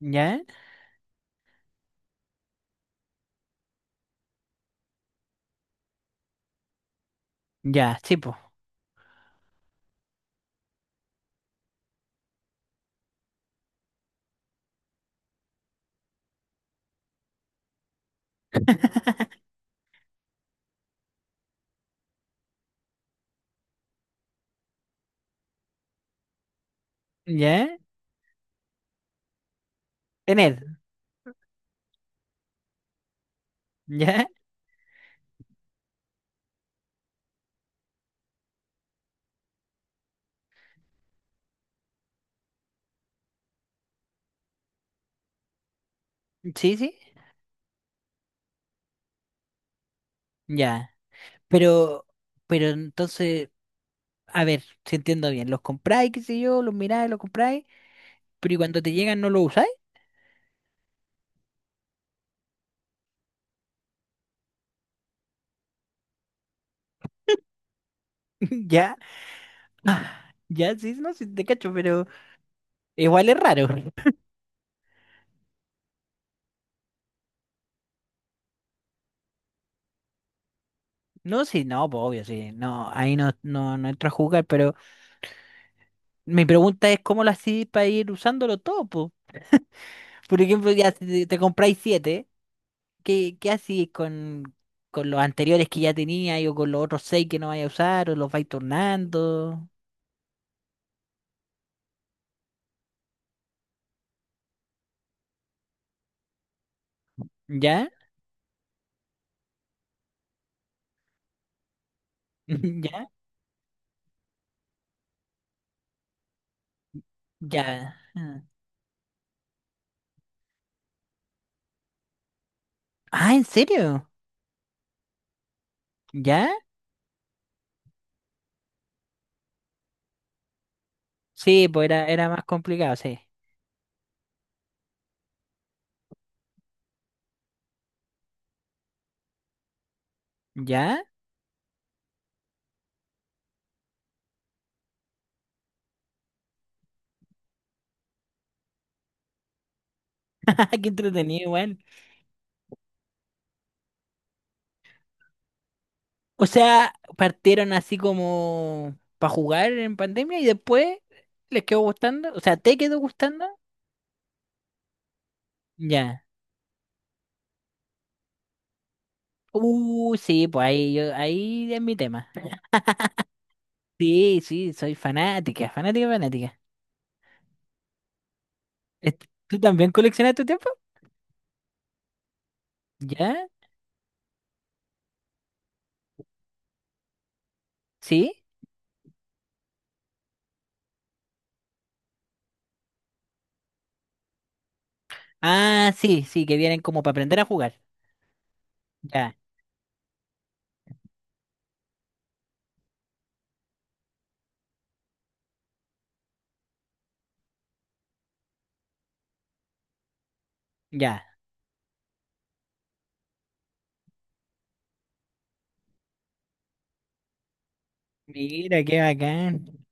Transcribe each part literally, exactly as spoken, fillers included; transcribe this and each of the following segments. ¿Ya? Ya, sí, po. ¿Ya? Tener. ¿Ya? Sí, sí. Ya. Pero, pero entonces, a ver, si entiendo bien, los compráis, qué sé yo, los miráis, los compráis, pero ¿y cuando te llegan no los usáis? ¿Ya? Ah, ya, sí, no, sí, te cacho, pero igual es raro. No, sí, no, pues obvio, sí, no, ahí no, no, no entro a jugar, pero mi pregunta es cómo lo hacís para ir usándolo todo, pues. Por ejemplo, ya si te, te compráis siete. ¿Qué, qué haces con, con los anteriores que ya tenías o con los otros seis que no vayas a usar o los vais turnando? ¿Ya? ¿Ya? ¿Ya? Ah, ¿en serio? ¿Ya? Sí, pues era, era más complicado, sí. ¿Ya? Qué entretenido igual. O sea, partieron así como para jugar en pandemia y después les quedó gustando. O sea, ¿te quedó gustando? Ya. Uh, sí, pues ahí yo, ahí es mi tema. Sí, sí, soy fanática, fanática, fanática. Est- ¿Tú también coleccionas tu tiempo? ¿Ya? ¿Sí? Ah, sí, sí, que vienen como para aprender a jugar. Ya, ya. Mira, qué bacán.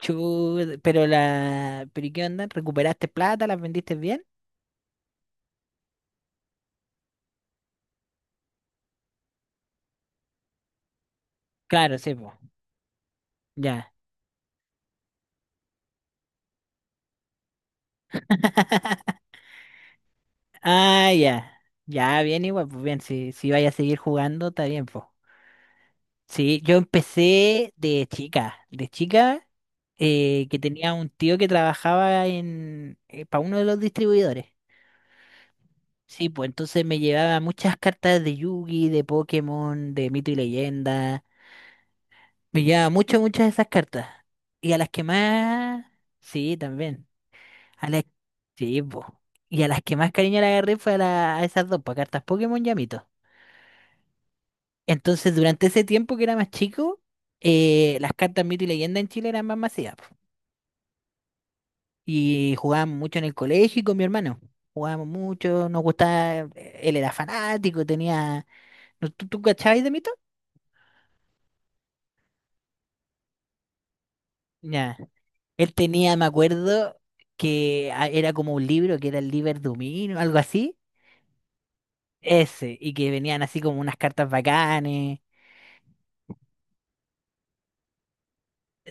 Chud, pero la... ¿Pero y qué onda? ¿Recuperaste plata? ¿Las vendiste bien? Claro, sí, pues. Ya. Ah, ya. Ya, bien igual, pues bien. Si, si vaya a seguir jugando, está bien, pues. Sí, yo empecé de chica. De chica, eh, que tenía un tío que trabajaba en... eh, para uno de los distribuidores. Sí, pues entonces me llevaba muchas cartas de Yugi, de Pokémon, de Mito y Leyenda. Me llevaba muchas, muchas de esas cartas. Y a las que más... Sí, también. A las... Sí, pues. Y a las que más cariño le agarré fue a, la- a esas dos, pues, cartas Pokémon y a Mito. Entonces, durante ese tiempo que era más chico, eh, las cartas Mito y Leyenda en Chile eran más masivas, po. Y jugábamos mucho en el colegio y con mi hermano. Jugábamos mucho, nos gustaba... Él era fanático, tenía... ¿No- ¿Tú, tú cachabas de Mito? Ya. Él tenía, me acuerdo, que a- era como un libro, que era el Liber Dumino, algo así. Ese, y que venían así como unas cartas bacanes.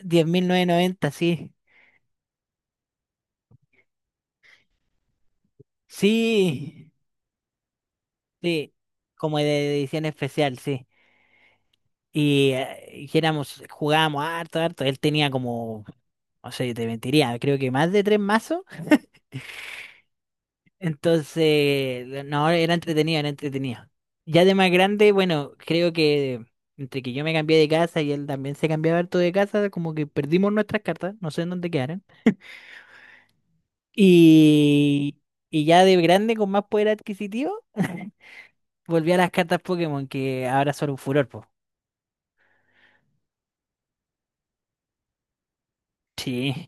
Diez mil novecientos noventa, sí. Sí, sí. Como de edición especial, sí. Y, eh, y que éramos, jugábamos harto, harto. Él tenía como, no sé, te mentiría, creo que más de tres mazos. Entonces, no, era entretenido, era entretenido. Ya de más grande, bueno, creo que entre que yo me cambié de casa y él también se cambiaba harto de casa, como que perdimos nuestras cartas, no sé en dónde quedaron. Y, y ya de grande, con más poder adquisitivo, volví a las cartas Pokémon, que ahora son un furor, po. Sí.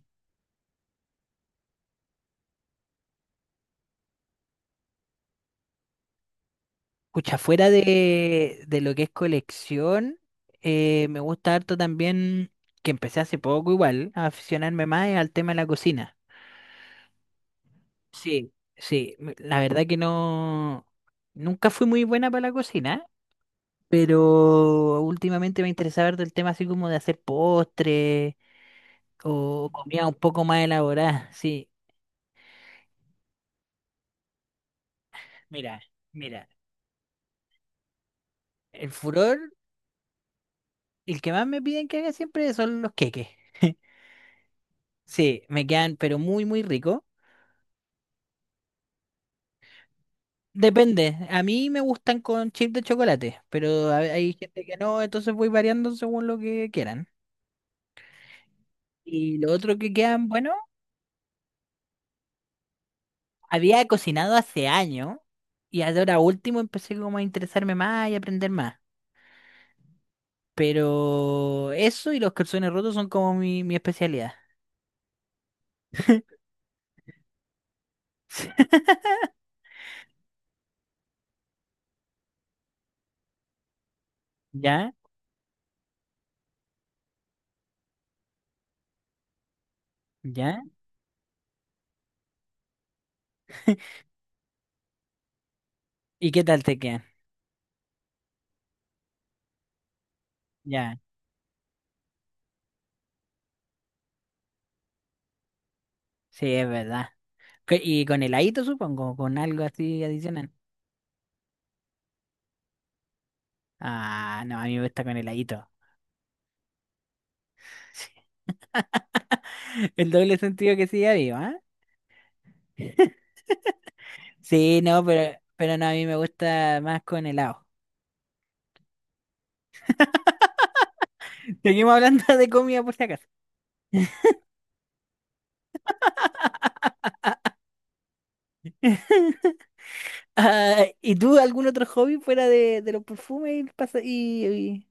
Escucha, fuera de, de lo que es colección, eh, me gusta harto también, que empecé hace poco igual, a aficionarme más al tema de la cocina. Sí, sí, me- la verdad que no, nunca fui muy buena para la cocina, pero últimamente me interesaba ver del tema así como de hacer postres o comida un poco más elaborada, sí. Mira, mira, el furor, el que más me piden que haga siempre son los queques. Sí, me quedan pero muy, muy rico. Depende, a mí me gustan con chip de chocolate, pero a- hay gente que no, entonces voy variando según lo que quieran. Y lo otro que quedan, bueno. Había cocinado hace años y ahora último empecé como a interesarme más y aprender más. Pero eso y los calzones rotos son como mi, mi especialidad. ¿Ya? ¿Ya? ¿Y qué tal te quedan? Ya, sí, es verdad. ¿Qué- Y con heladito, supongo, con algo así adicional. Ah, no, a mí me gusta con heladito. El doble sentido que sigue vivo, ¿ah? Sí, no, pero, pero no, a mí me gusta más con helado. Seguimos hablando de comida por si acaso. Ah, ¿y tú algún otro hobby fuera de, de, los perfumes y, el pasa- y, y-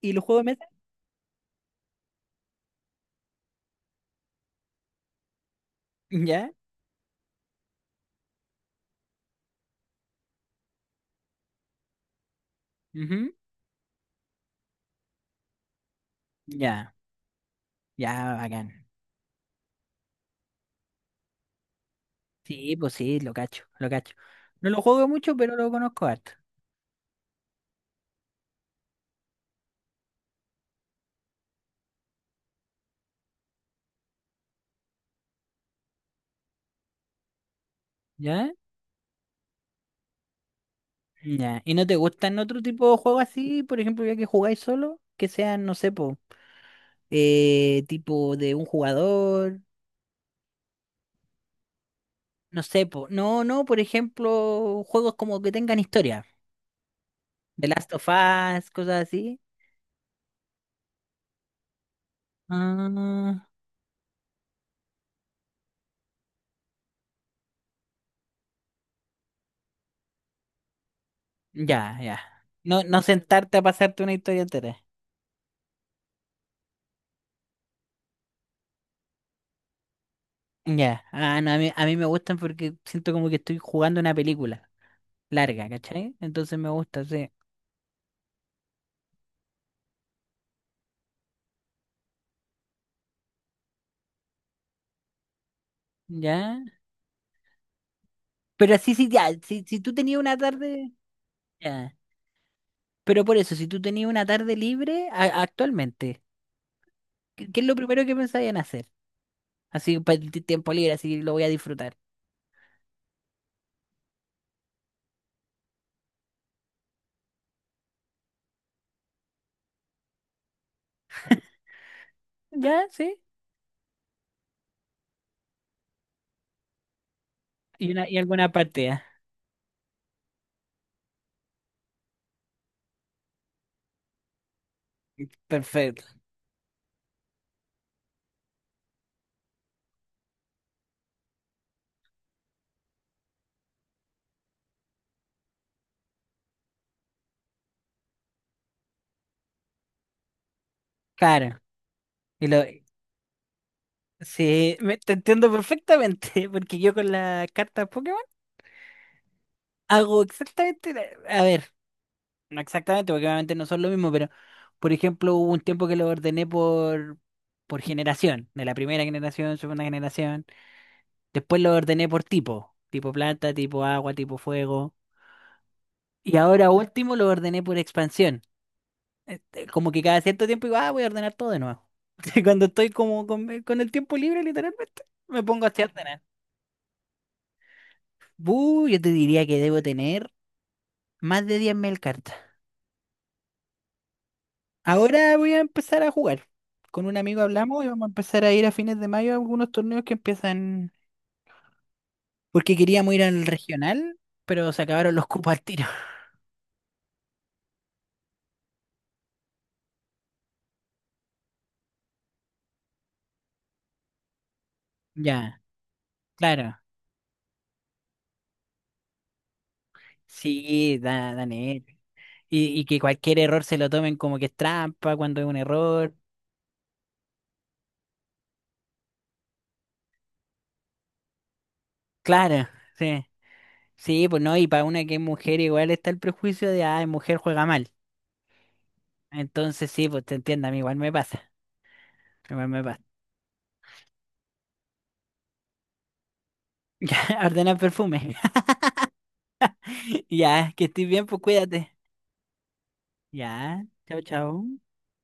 y los juegos de mesa? Ya, ujú, ya, ya, bacán. Sí, pues sí, lo cacho, lo cacho. No lo juego mucho, pero lo conozco harto. ¿Ya? Ya. ¿Y no te gustan otro tipo de juegos así, por ejemplo, ya que jugáis solo? Que sean, no sé, po, eh, tipo de un jugador, no sé, po. No, no, por ejemplo, juegos como que tengan historia. The Last of Us, cosas así. Ah, ya, ya. No, no sentarte a pasarte una historia entera. Ya. Ah, no, a mí, a mí me gustan porque siento como que estoy jugando una película larga, ¿cachai? Entonces me gusta, sí. Ya. Pero así sí, ya. Si, si tú tenías una tarde. Ya. Pero por eso, si tú tenías una tarde libre a- actualmente, ¿qué, qué es lo primero que pensabas en hacer? Así, pa- ti- tiempo libre, así lo voy a disfrutar. Ya, sí. Y, una, y alguna partida. Perfecto. Claro. Y lo. Sí, me- te entiendo perfectamente, porque yo con las cartas Pokémon hago exactamente, la- a ver, no exactamente, porque obviamente no son lo mismo, pero por ejemplo hubo un tiempo que lo ordené por, por, generación, de la primera generación, segunda generación, después lo ordené por tipo, tipo planta, tipo agua, tipo fuego, y ahora último lo ordené por expansión. Este, como que cada cierto tiempo digo, ah, voy a ordenar todo de nuevo. Cuando estoy como con, con el tiempo libre, literalmente, me pongo así a ordenar. Uh, yo te diría que debo tener. Más de diez mil cartas. Ahora voy a empezar a jugar. Con un amigo hablamos y vamos a empezar a ir a fines de mayo a algunos torneos que empiezan. Porque queríamos ir al regional, pero se acabaron los cupos al tiro. Ya, claro. Sí, da, Daniel. Y, y que cualquier error se lo tomen como que es trampa cuando es un error. Claro, sí. Sí, pues no, y para una que es mujer igual está el prejuicio de, ah, mujer juega mal. Entonces sí, pues te entiendo, a mí igual me pasa. Igual me pasa. Ya, ordenar perfume. Ya, que estés bien, pues cuídate. Ya, chao, chao.